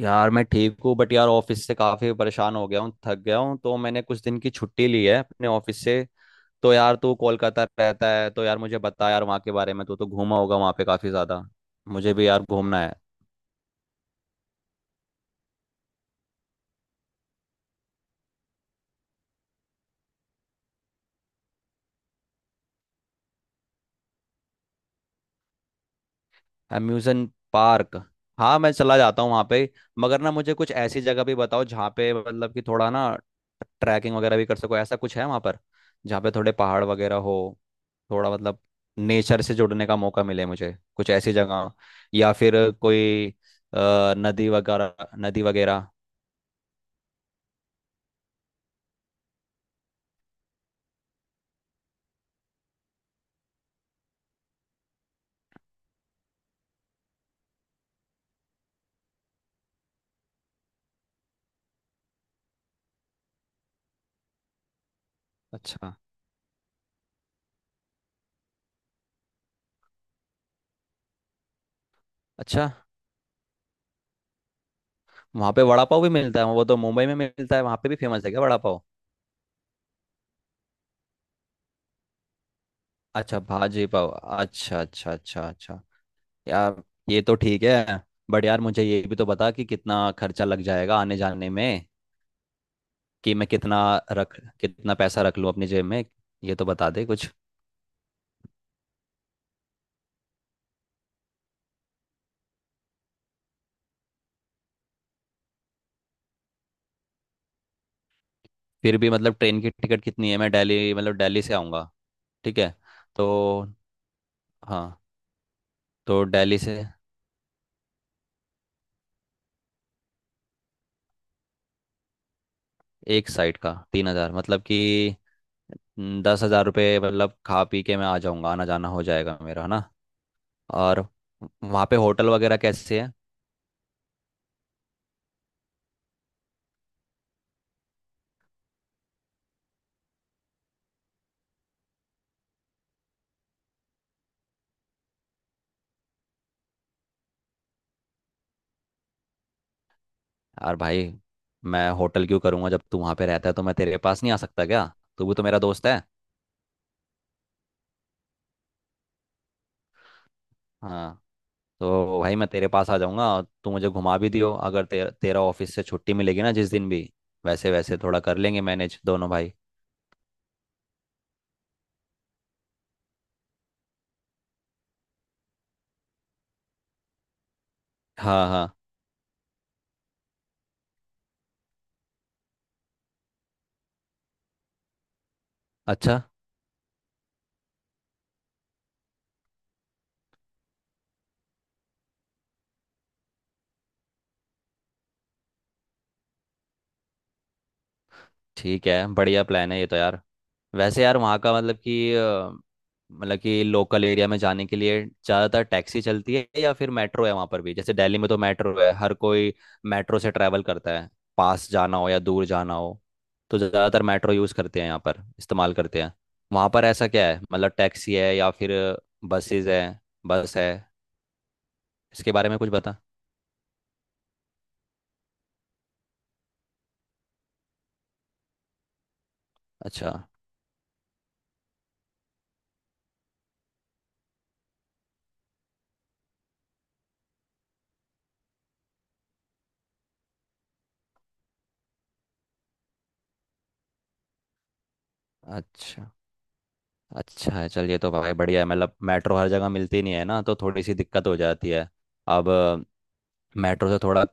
यार मैं ठीक हूँ बट यार ऑफिस से काफी परेशान हो गया हूँ, थक गया हूँ, तो मैंने कुछ दिन की छुट्टी ली है अपने ऑफिस से। तो यार तू कोलकाता रहता है, तो यार मुझे बता यार वहाँ के बारे में, तू तो घूमा होगा वहाँ पे काफी ज्यादा। मुझे भी यार घूमना है। Amusement park. हाँ मैं चला जाता हूँ वहाँ पे। मगर ना मुझे कुछ ऐसी जगह भी बताओ जहाँ पे मतलब कि थोड़ा ना ट्रैकिंग वगैरह भी कर सको, ऐसा कुछ है वहाँ पर? जहाँ पे थोड़े पहाड़ वगैरह हो, थोड़ा मतलब नेचर से जुड़ने का मौका मिले, मुझे कुछ ऐसी जगह, या फिर कोई नदी वगैरह नदी वगैरह। अच्छा। अच्छा। वहाँ पे वड़ा पाव भी मिलता है? वो तो मुंबई में मिलता है, वहाँ पे भी फेमस है क्या वड़ा पाव? अच्छा, भाजी पाव। अच्छा अच्छा अच्छा अच्छा। यार, ये तो ठीक है, बट यार मुझे ये भी तो बता कि कितना खर्चा लग जाएगा आने जाने में, कि मैं कितना रख कितना पैसा रख लूँ अपनी जेब में। ये तो बता दे कुछ। फिर भी मतलब ट्रेन की टिकट कितनी है? मैं दिल्ली मतलब दिल्ली से आऊँगा। ठीक है। तो। हाँ। तो दिल्ली से। एक साइड का 3,000 मतलब कि। 10,000 रुपये मतलब खा पी के मैं आ जाऊँगा, आना जाना हो जाएगा मेरा, है ना? और वहाँ पे होटल वगैरह कैसे है? यार भाई, मैं होटल क्यों करूँगा? जब तू वहाँ पे रहता है तो मैं तेरे पास नहीं आ सकता क्या? तू भी तो मेरा दोस्त है। हाँ। तो भाई मैं तेरे पास आ जाऊंगा, और तू मुझे घुमा भी दियो अगर तेरा ऑफिस से छुट्टी मिलेगी ना जिस दिन भी। वैसे वैसे थोड़ा कर लेंगे मैनेज दोनों भाई। हाँ हाँ। अच्छा। ठीक है, बढ़िया प्लान है ये तो यार। वैसे यार वहाँ का मतलब कि मतलब कि लोकल एरिया में जाने के लिए ज़्यादातर टैक्सी चलती है या फिर मेट्रो है वहाँ पर भी? जैसे दिल्ली में तो मेट्रो है, हर कोई मेट्रो से ट्रैवल करता है, पास जाना हो या दूर जाना हो, तो ज़्यादातर मेट्रो यूज़ करते हैं यहाँ पर, इस्तेमाल करते हैं। वहाँ पर ऐसा क्या है मतलब, टैक्सी है या फिर बसेज है, बस है? इसके बारे में कुछ बता। अच्छा। अच्छा। अच्छा है, चलिए तो भाई बढ़िया है, मतलब मेट्रो हर जगह मिलती नहीं है ना, तो थोड़ी सी दिक्कत हो जाती है। अब मेट्रो से थोड़ा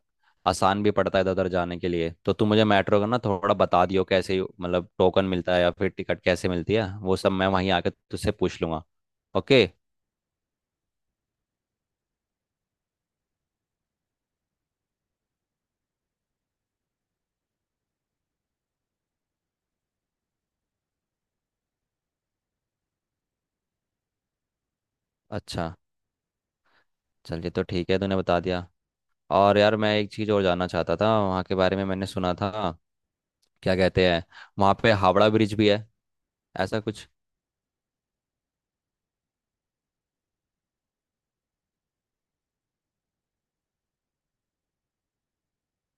आसान भी पड़ता है इधर उधर जाने के लिए। तो तुम मुझे मेट्रो का ना थोड़ा बता दियो, कैसे मतलब टोकन मिलता है या फिर टिकट कैसे मिलती है, वो सब मैं वहीं आके तुझसे पूछ लूँगा। ओके। अच्छा। चलिए तो ठीक है, तूने बता दिया। और यार मैं एक चीज़ और जानना चाहता था वहाँ के बारे में, मैंने सुना था, क्या कहते हैं, वहाँ पे हावड़ा ब्रिज भी है ऐसा कुछ?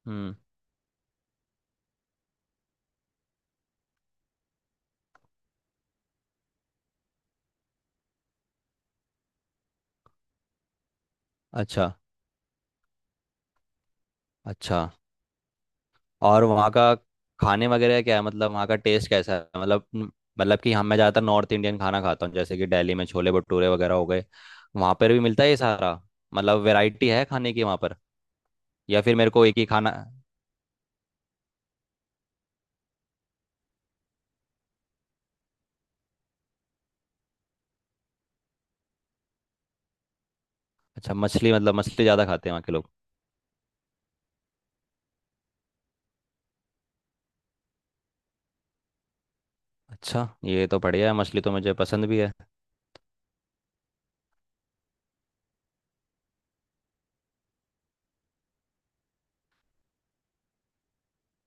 हम्म। अच्छा। अच्छा। और वहाँ का खाने वगैरह क्या है, मतलब वहाँ का टेस्ट कैसा है, मतलब मतलब कि हम मैं ज़्यादातर नॉर्थ इंडियन खाना खाता हूँ, जैसे कि दिल्ली में छोले भटूरे वगैरह हो गए। वहाँ पर भी मिलता है ये सारा, मतलब वैरायटी है खाने की वहाँ पर? या फिर मेरे को एक ही खाना। अच्छा, मछली मतलब, मछली ज़्यादा खाते हैं वहाँ के लोग? अच्छा, ये तो बढ़िया है, मछली तो मुझे पसंद भी है।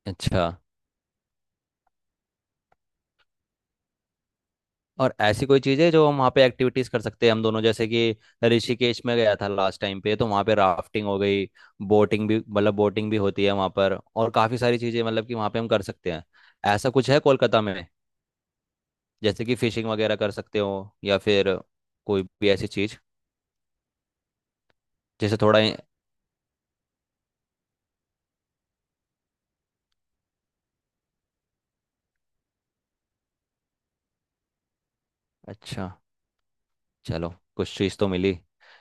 अच्छा। और ऐसी कोई चीज़ है जो हम वहाँ पे एक्टिविटीज कर सकते हैं हम दोनों? जैसे कि ऋषिकेश में गया था लास्ट टाइम पे, तो वहाँ पे राफ्टिंग हो गई, बोटिंग भी, मतलब बोटिंग भी होती है वहाँ पर और काफ़ी सारी चीज़ें मतलब कि वहाँ पे हम कर सकते हैं, ऐसा कुछ है कोलकाता में? जैसे कि फिशिंग वगैरह कर सकते हो या फिर कोई भी ऐसी चीज़, जैसे थोड़ा अच्छा। चलो, कुछ चीज़ तो मिली।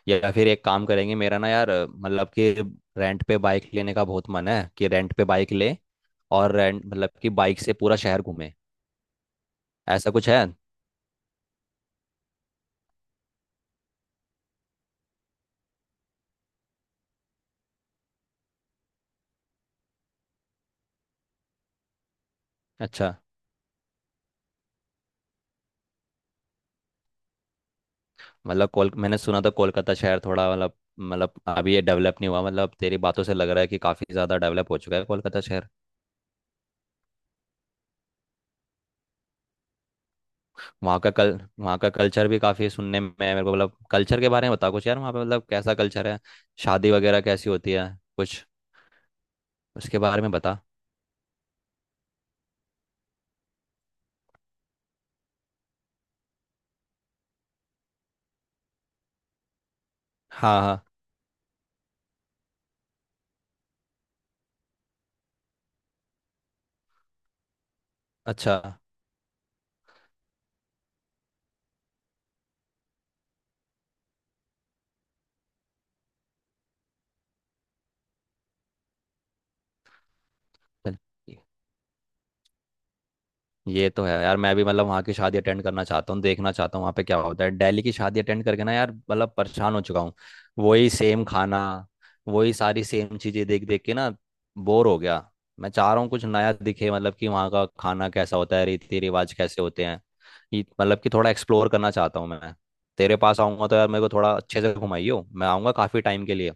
या फिर एक काम करेंगे, मेरा ना यार मतलब कि रेंट पे बाइक लेने का बहुत मन है, कि रेंट पे बाइक ले, और रेंट मतलब कि बाइक से पूरा शहर घूमे, ऐसा कुछ है? अच्छा, मतलब कोल मैंने सुना था कोलकाता शहर थोड़ा मतलब, मतलब अभी ये डेवलप नहीं हुआ, मतलब तेरी बातों से लग रहा है कि काफ़ी ज़्यादा डेवलप हो चुका है कोलकाता शहर। वहाँ का कल वहाँ का कल्चर भी काफ़ी सुनने में है मेरे को, मतलब कल्चर के बारे में बता कुछ यार, वहाँ पे मतलब कैसा कल्चर है, शादी वगैरह कैसी होती है, कुछ उसके बारे में बता। हाँ हाँ। अच्छा। चल। ये तो है यार, मैं भी मतलब वहाँ की शादी अटेंड करना चाहता हूँ, देखना चाहता हूँ वहाँ पे क्या होता है। दिल्ली की शादी अटेंड करके ना यार मतलब परेशान हो चुका हूँ, वही सेम खाना, वही सारी सेम चीज़ें देख देख के ना बोर हो गया। मैं चाह रहा हूँ कुछ नया दिखे, मतलब कि वहाँ का खाना कैसा होता है, रीति रिवाज कैसे होते हैं, ये मतलब कि थोड़ा एक्सप्लोर करना चाहता हूँ मैं। तेरे पास आऊँगा तो यार मेरे को थोड़ा अच्छे से घुमाइयो, मैं आऊँगा काफ़ी टाइम के लिए।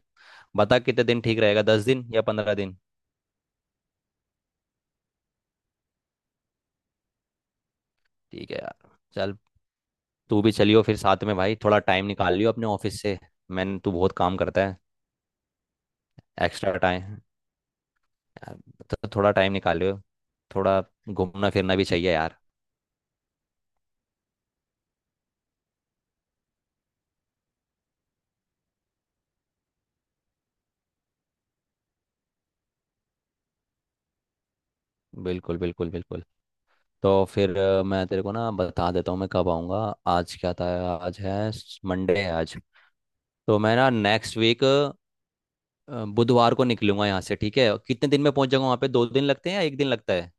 बता कितने दिन ठीक रहेगा, 10 दिन या 15 दिन? ठीक है यार। चल, तू भी चलियो फिर साथ में भाई, थोड़ा टाइम निकाल लियो अपने ऑफिस से, मैंने तू बहुत काम करता है। एक्स्ट्रा टाइम तो थोड़ा टाइम निकाल लियो, थोड़ा घूमना फिरना भी चाहिए यार। बिल्कुल बिल्कुल बिल्कुल। तो फिर मैं तेरे को ना बता देता हूँ मैं कब आऊँगा। आज क्या था, आज है, मंडे है आज। तो मैं ना नेक्स्ट वीक बुधवार को निकलूंगा यहाँ से, ठीक है? कितने दिन में पहुँच जाऊँगा वहाँ पे, 2 दिन लगते हैं या एक दिन लगता है?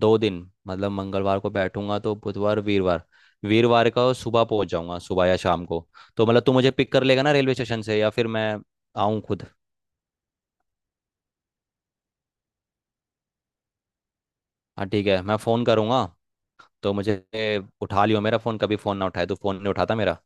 2 दिन, मतलब मंगलवार को बैठूंगा तो बुधवार वीरवार, वीरवार का सुबह पहुंच जाऊंगा, सुबह या शाम को? तो मतलब तू मुझे पिक कर लेगा ना रेलवे स्टेशन से या फिर मैं आऊं खुद? हाँ ठीक है, मैं फ़ोन करूंगा तो मुझे उठा लियो मेरा फ़ोन, कभी फ़ोन ना उठाए तो, फ़ोन नहीं उठाता मेरा।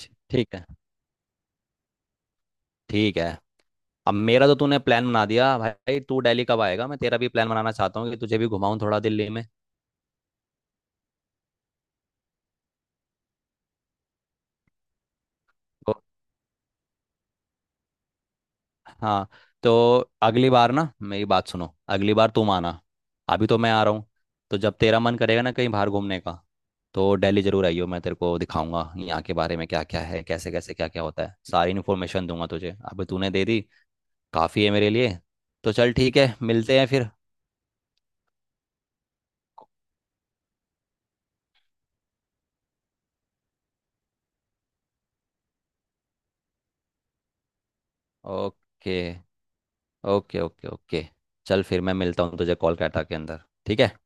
ठीक है। ठीक है। अब मेरा तो तूने प्लान बना दिया भाई, तू दिल्ली कब आएगा? मैं तेरा भी प्लान बनाना चाहता हूँ कि तुझे भी घुमाऊं थोड़ा दिल्ली में। हाँ। तो अगली बार ना मेरी बात सुनो, अगली बार तुम आना, अभी तो मैं आ रहा हूँ। तो जब तेरा मन करेगा ना कहीं बाहर घूमने का, तो दिल्ली जरूर आइयो, मैं तेरे को दिखाऊंगा यहाँ के बारे में क्या क्या है, कैसे कैसे क्या क्या होता है, सारी इन्फॉर्मेशन दूंगा तुझे। अभी तूने दे दी, काफ़ी है मेरे लिए। तो चल ठीक है, मिलते हैं फिर। Okay okay okay okay. चल फिर मैं मिलता हूँ तुझे कोलकाता के अंदर, ठीक है।